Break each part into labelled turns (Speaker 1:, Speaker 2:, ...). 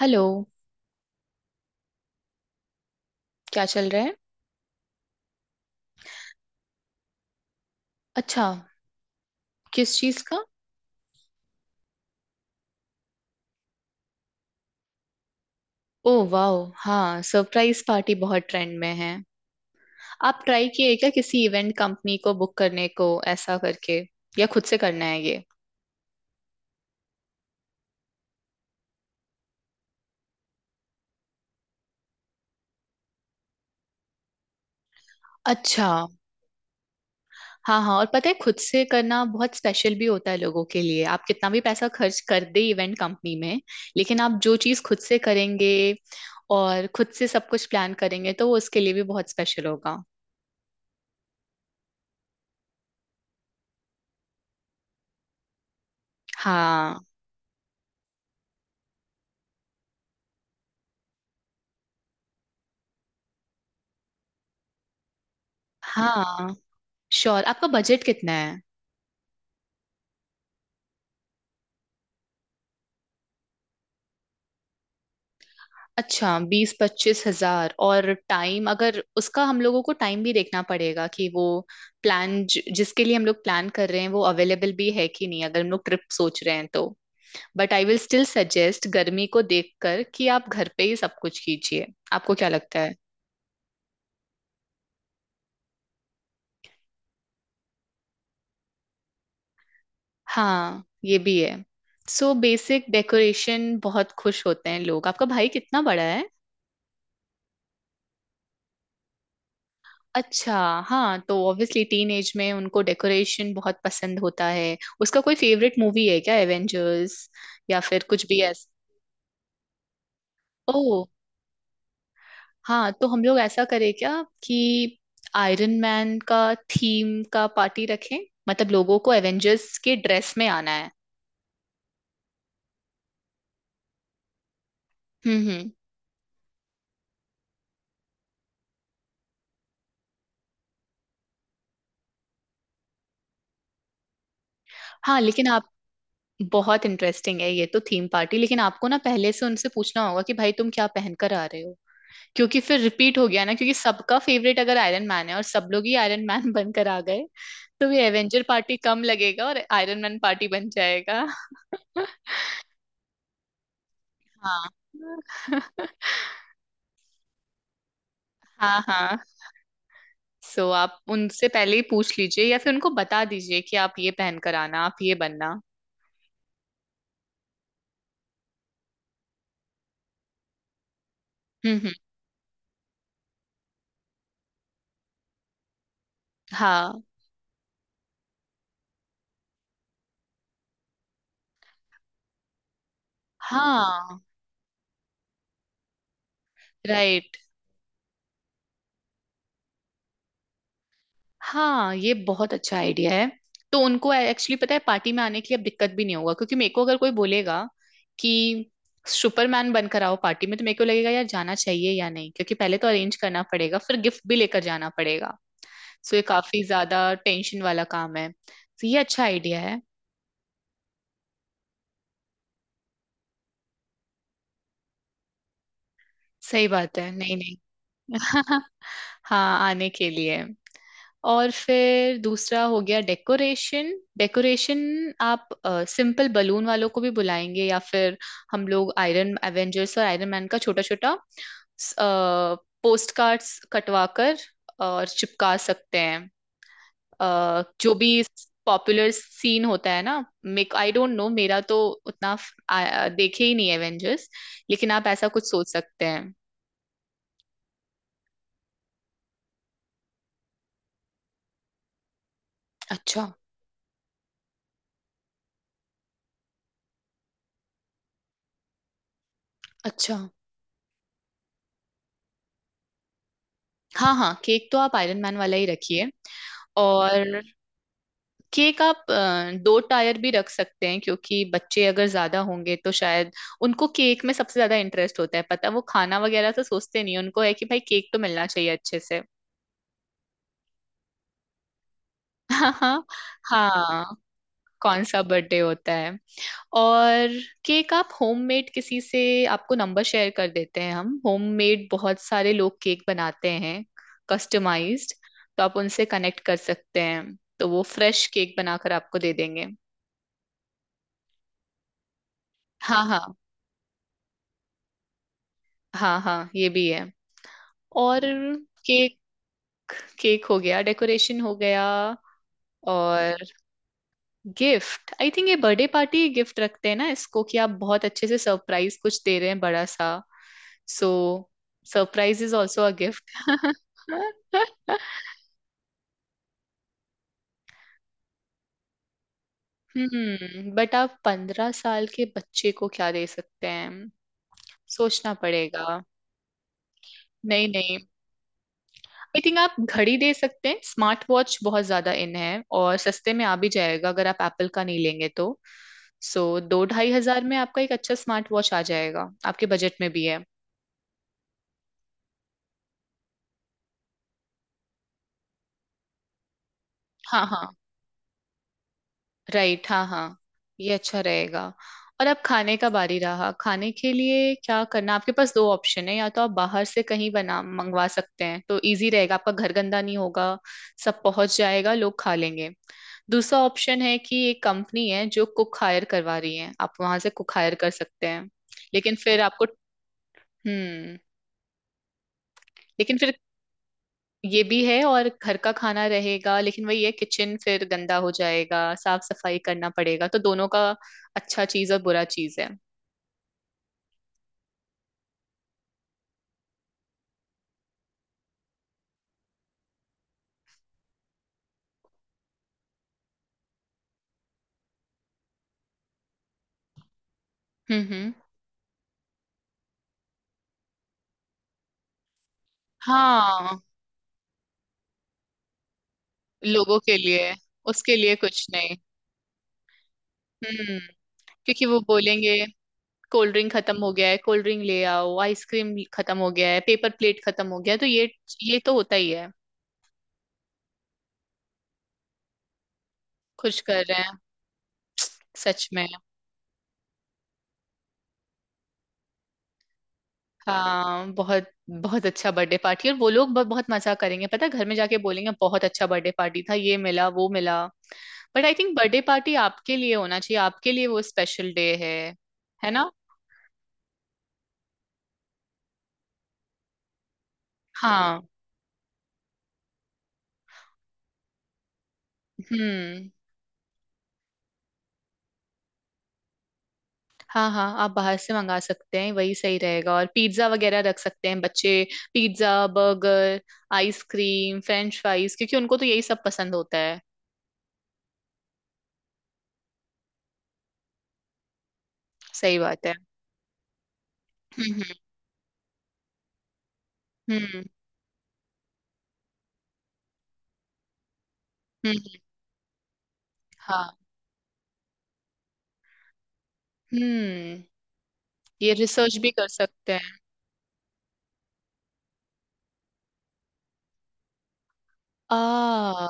Speaker 1: Hello. क्या चल रहा है? अच्छा। किस चीज का? ओ वाह! हाँ, सरप्राइज पार्टी बहुत ट्रेंड में है। आप ट्राई किए क्या किसी इवेंट कंपनी को बुक करने को, ऐसा करके, या खुद से करना है ये? अच्छा। हाँ हाँ, और पता है खुद से करना बहुत स्पेशल भी होता है लोगों के लिए। आप कितना भी पैसा खर्च कर दे इवेंट कंपनी में, लेकिन आप जो चीज खुद से करेंगे और खुद से सब कुछ प्लान करेंगे तो वो उसके लिए भी बहुत स्पेशल होगा। हाँ। हाँ, श्योर। आपका बजट कितना है? अच्छा, 20-25 हजार। और टाइम अगर उसका, हम लोगों को टाइम भी देखना पड़ेगा कि वो प्लान जिसके लिए हम लोग प्लान कर रहे हैं वो अवेलेबल भी है कि नहीं, अगर हम लोग ट्रिप सोच रहे हैं तो। But I will still suggest, गर्मी को देखकर, कि आप घर पे ही सब कुछ कीजिए। आपको क्या लगता है? हाँ, ये भी है। सो बेसिक डेकोरेशन बहुत खुश होते हैं लोग। आपका भाई कितना बड़ा? अच्छा। हाँ, तो ऑब्वियसली टीनेज में उनको डेकोरेशन बहुत पसंद होता है। उसका कोई फेवरेट मूवी है क्या, एवेंजर्स या फिर कुछ भी ऐसा? ओह। हाँ, तो हम लोग ऐसा करें क्या कि आयरन मैन का थीम का पार्टी रखें? मतलब लोगों को एवेंजर्स के ड्रेस में आना है। हम्म। हाँ लेकिन आप, बहुत इंटरेस्टिंग है ये तो, थीम पार्टी। लेकिन आपको ना पहले से उनसे पूछना होगा कि भाई तुम क्या पहनकर आ रहे हो, क्योंकि फिर रिपीट हो गया ना। क्योंकि सबका फेवरेट अगर आयरन मैन है और सब लोग ही आयरन मैन बनकर आ गए तो भी एवेंजर पार्टी कम लगेगा और आयरन मैन पार्टी बन जाएगा। हाँ हाँ हाँ। सो आप उनसे पहले ही पूछ लीजिए या फिर उनको बता दीजिए कि आप ये पहन कर आना, आप ये बनना। हम्म। हाँ हाँ। राइट। हाँ, ये बहुत अच्छा आइडिया है। तो उनको एक्चुअली पता है, पार्टी में आने के लिए अब दिक्कत भी नहीं होगा। क्योंकि मेरे को अगर कोई बोलेगा कि सुपरमैन बनकर आओ पार्टी में, तो मेरे को लगेगा यार जाना चाहिए या नहीं, क्योंकि पहले तो अरेंज करना पड़ेगा फिर गिफ्ट भी लेकर जाना पड़ेगा। सो ये काफी ज्यादा टेंशन वाला काम है, तो ये अच्छा आइडिया है। सही बात है, नहीं नहीं। हाँ, आने के लिए। और फिर दूसरा हो गया, डेकोरेशन। डेकोरेशन, आप सिंपल बलून वालों को भी बुलाएंगे, या फिर हम लोग आयरन एवेंजर्स और आयरन मैन का छोटा छोटा पोस्ट कार्ड्स कटवा कर और चिपका सकते हैं? जो भी पॉपुलर सीन होता है ना। मेक, आई डोंट नो, मेरा तो उतना फ- आ, आ, देखे ही नहीं एवेंजर्स। लेकिन आप ऐसा कुछ सोच सकते हैं। अच्छा। अच्छा। हाँ हाँ, केक तो आप आयरन मैन वाला ही रखिए। और केक आप दो टायर भी रख सकते हैं, क्योंकि बच्चे अगर ज्यादा होंगे तो शायद उनको केक में सबसे ज्यादा इंटरेस्ट होता है, पता है, वो खाना वगैरह तो सोचते नहीं हैं। उनको है कि भाई केक तो मिलना चाहिए अच्छे से। हाँ हाँ हाँ। कौन सा बर्थडे होता है? और केक आप होममेड किसी से, आपको नंबर शेयर कर देते हैं हम, होममेड बहुत सारे लोग केक बनाते हैं, कस्टमाइज्ड। तो आप उनसे कनेक्ट कर सकते हैं, तो वो फ्रेश केक बनाकर आपको दे देंगे। हाँ हाँ। हाँ हाँ, ये भी है। और केक, केक हो गया, डेकोरेशन हो गया। और गिफ्ट, आई थिंक ये बर्थडे पार्टी गिफ्ट रखते हैं ना इसको, कि आप बहुत अच्छे से सरप्राइज कुछ दे रहे हैं बड़ा सा। So surprise is also a gift. Hmm, but आप 15 साल के बच्चे को क्या दे सकते हैं? सोचना पड़ेगा। नहीं नहीं। आई थिंक आप घड़ी दे सकते हैं, स्मार्ट वॉच बहुत ज्यादा इन है। और सस्ते में आ भी जाएगा अगर आप एप्पल का नहीं लेंगे तो। सो 2-2.5 हजार में आपका एक अच्छा स्मार्ट वॉच आ जाएगा, आपके बजट में भी है। हाँ हाँ। राइट। हाँ हाँ, ये अच्छा रहेगा। और अब खाने का बारी रहा। खाने के लिए क्या करना, आपके पास दो ऑप्शन है। या तो आप बाहर से कहीं बना मंगवा सकते हैं, तो इजी रहेगा, आपका घर गंदा नहीं होगा, सब पहुंच जाएगा, लोग खा लेंगे। दूसरा ऑप्शन है कि एक कंपनी है जो कुक हायर करवा रही है, आप वहां से कुक हायर कर सकते हैं। लेकिन फिर आपको, हम्म, लेकिन फिर ये भी है, और घर का खाना रहेगा, लेकिन वही है किचन फिर गंदा हो जाएगा, साफ सफाई करना पड़ेगा। तो दोनों का अच्छा चीज और बुरा चीज है। हम्म। हाँ, लोगों के लिए, उसके लिए कुछ नहीं। हम्म, क्योंकि वो बोलेंगे कोल्ड ड्रिंक खत्म हो गया है, कोल्ड ड्रिंक ले आओ, आइसक्रीम खत्म हो गया है, पेपर प्लेट खत्म हो गया है, तो ये तो होता ही है। खुश कर रहे हैं। सच में। हाँ, बहुत बहुत अच्छा बर्थडे पार्टी, और वो लोग ब- बहुत मजा करेंगे, पता है, घर में जाके बोलेंगे बहुत अच्छा बर्थडे पार्टी था, ये मिला वो मिला। But I think birthday party आपके लिए होना चाहिए, आपके लिए वो स्पेशल डे है। है ना? हाँ। हम्म। हाँ हाँ, आप बाहर से मंगा सकते हैं, वही सही रहेगा। और पिज्जा वगैरह रख सकते हैं बच्चे, pizza, burger, ice cream, French fries, क्योंकि उनको तो यही सब पसंद होता है। सही बात है। हम्म। हम्म हम्म, हाँ। हम्म, ये रिसर्च भी कर सकते हैं। आ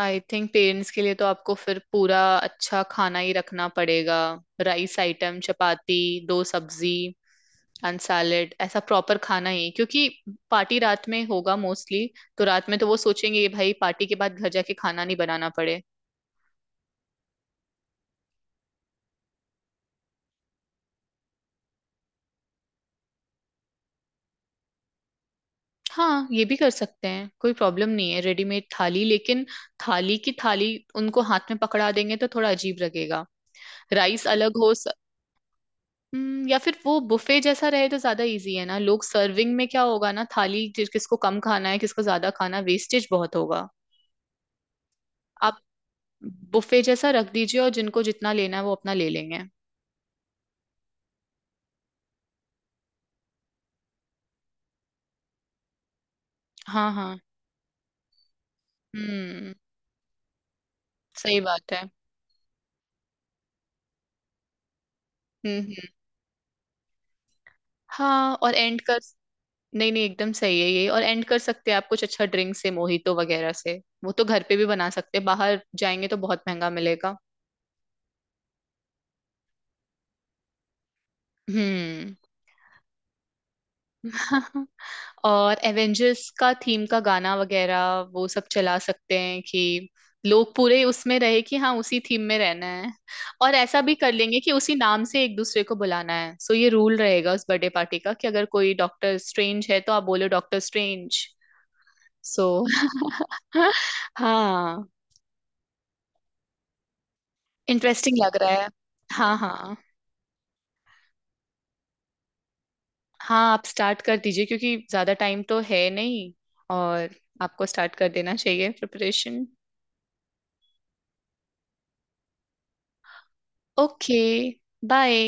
Speaker 1: आई थिंक पेरेंट्स के लिए तो आपको फिर पूरा अच्छा खाना ही रखना पड़ेगा। राइस आइटम, चपाती, दो सब्जी एंड सैलेड, ऐसा प्रॉपर खाना ही, क्योंकि पार्टी रात में होगा मोस्टली। तो रात में तो वो सोचेंगे कि भाई पार्टी के बाद घर जाके खाना नहीं बनाना पड़े। हाँ, ये भी कर सकते हैं, कोई प्रॉब्लम नहीं है रेडीमेड थाली, लेकिन थाली की थाली उनको हाथ में पकड़ा देंगे तो थोड़ा अजीब लगेगा। राइस अलग हो। या फिर वो बुफे जैसा रहे तो ज्यादा इजी है ना। लोग सर्विंग में क्या होगा ना, थाली, जिस किसको कम खाना है किसको ज्यादा खाना, वेस्टेज बहुत होगा। आप बुफे जैसा रख दीजिए, और जिनको जितना लेना है वो अपना ले लेंगे। हाँ हाँ। हम्म। सही बात है। हम्म। हाँ, और एंड कर, नहीं नहीं, एकदम सही है ये, और एंड कर सकते हैं आप कुछ अच्छा ड्रिंक से, मोहितो वगैरह से, वो तो घर पे भी बना सकते हैं, बाहर जाएंगे तो बहुत महंगा मिलेगा। हम्म। और एवेंजर्स का थीम का गाना वगैरह वो सब चला सकते हैं, कि लोग पूरे उसमें रहे कि हाँ उसी थीम में रहना है। और ऐसा भी कर लेंगे कि उसी नाम से एक दूसरे को बुलाना है। सो ये रूल रहेगा उस बर्थडे पार्टी का, कि अगर कोई डॉक्टर स्ट्रेंज है तो आप बोलो डॉक्टर स्ट्रेंज। सो हाँ, इंटरेस्टिंग लग रहा है। हाँ हाँ। हाँ, आप स्टार्ट कर दीजिए, क्योंकि ज्यादा टाइम तो है नहीं। और आपको स्टार्ट कर देना चाहिए प्रिपरेशन। Okay, bye.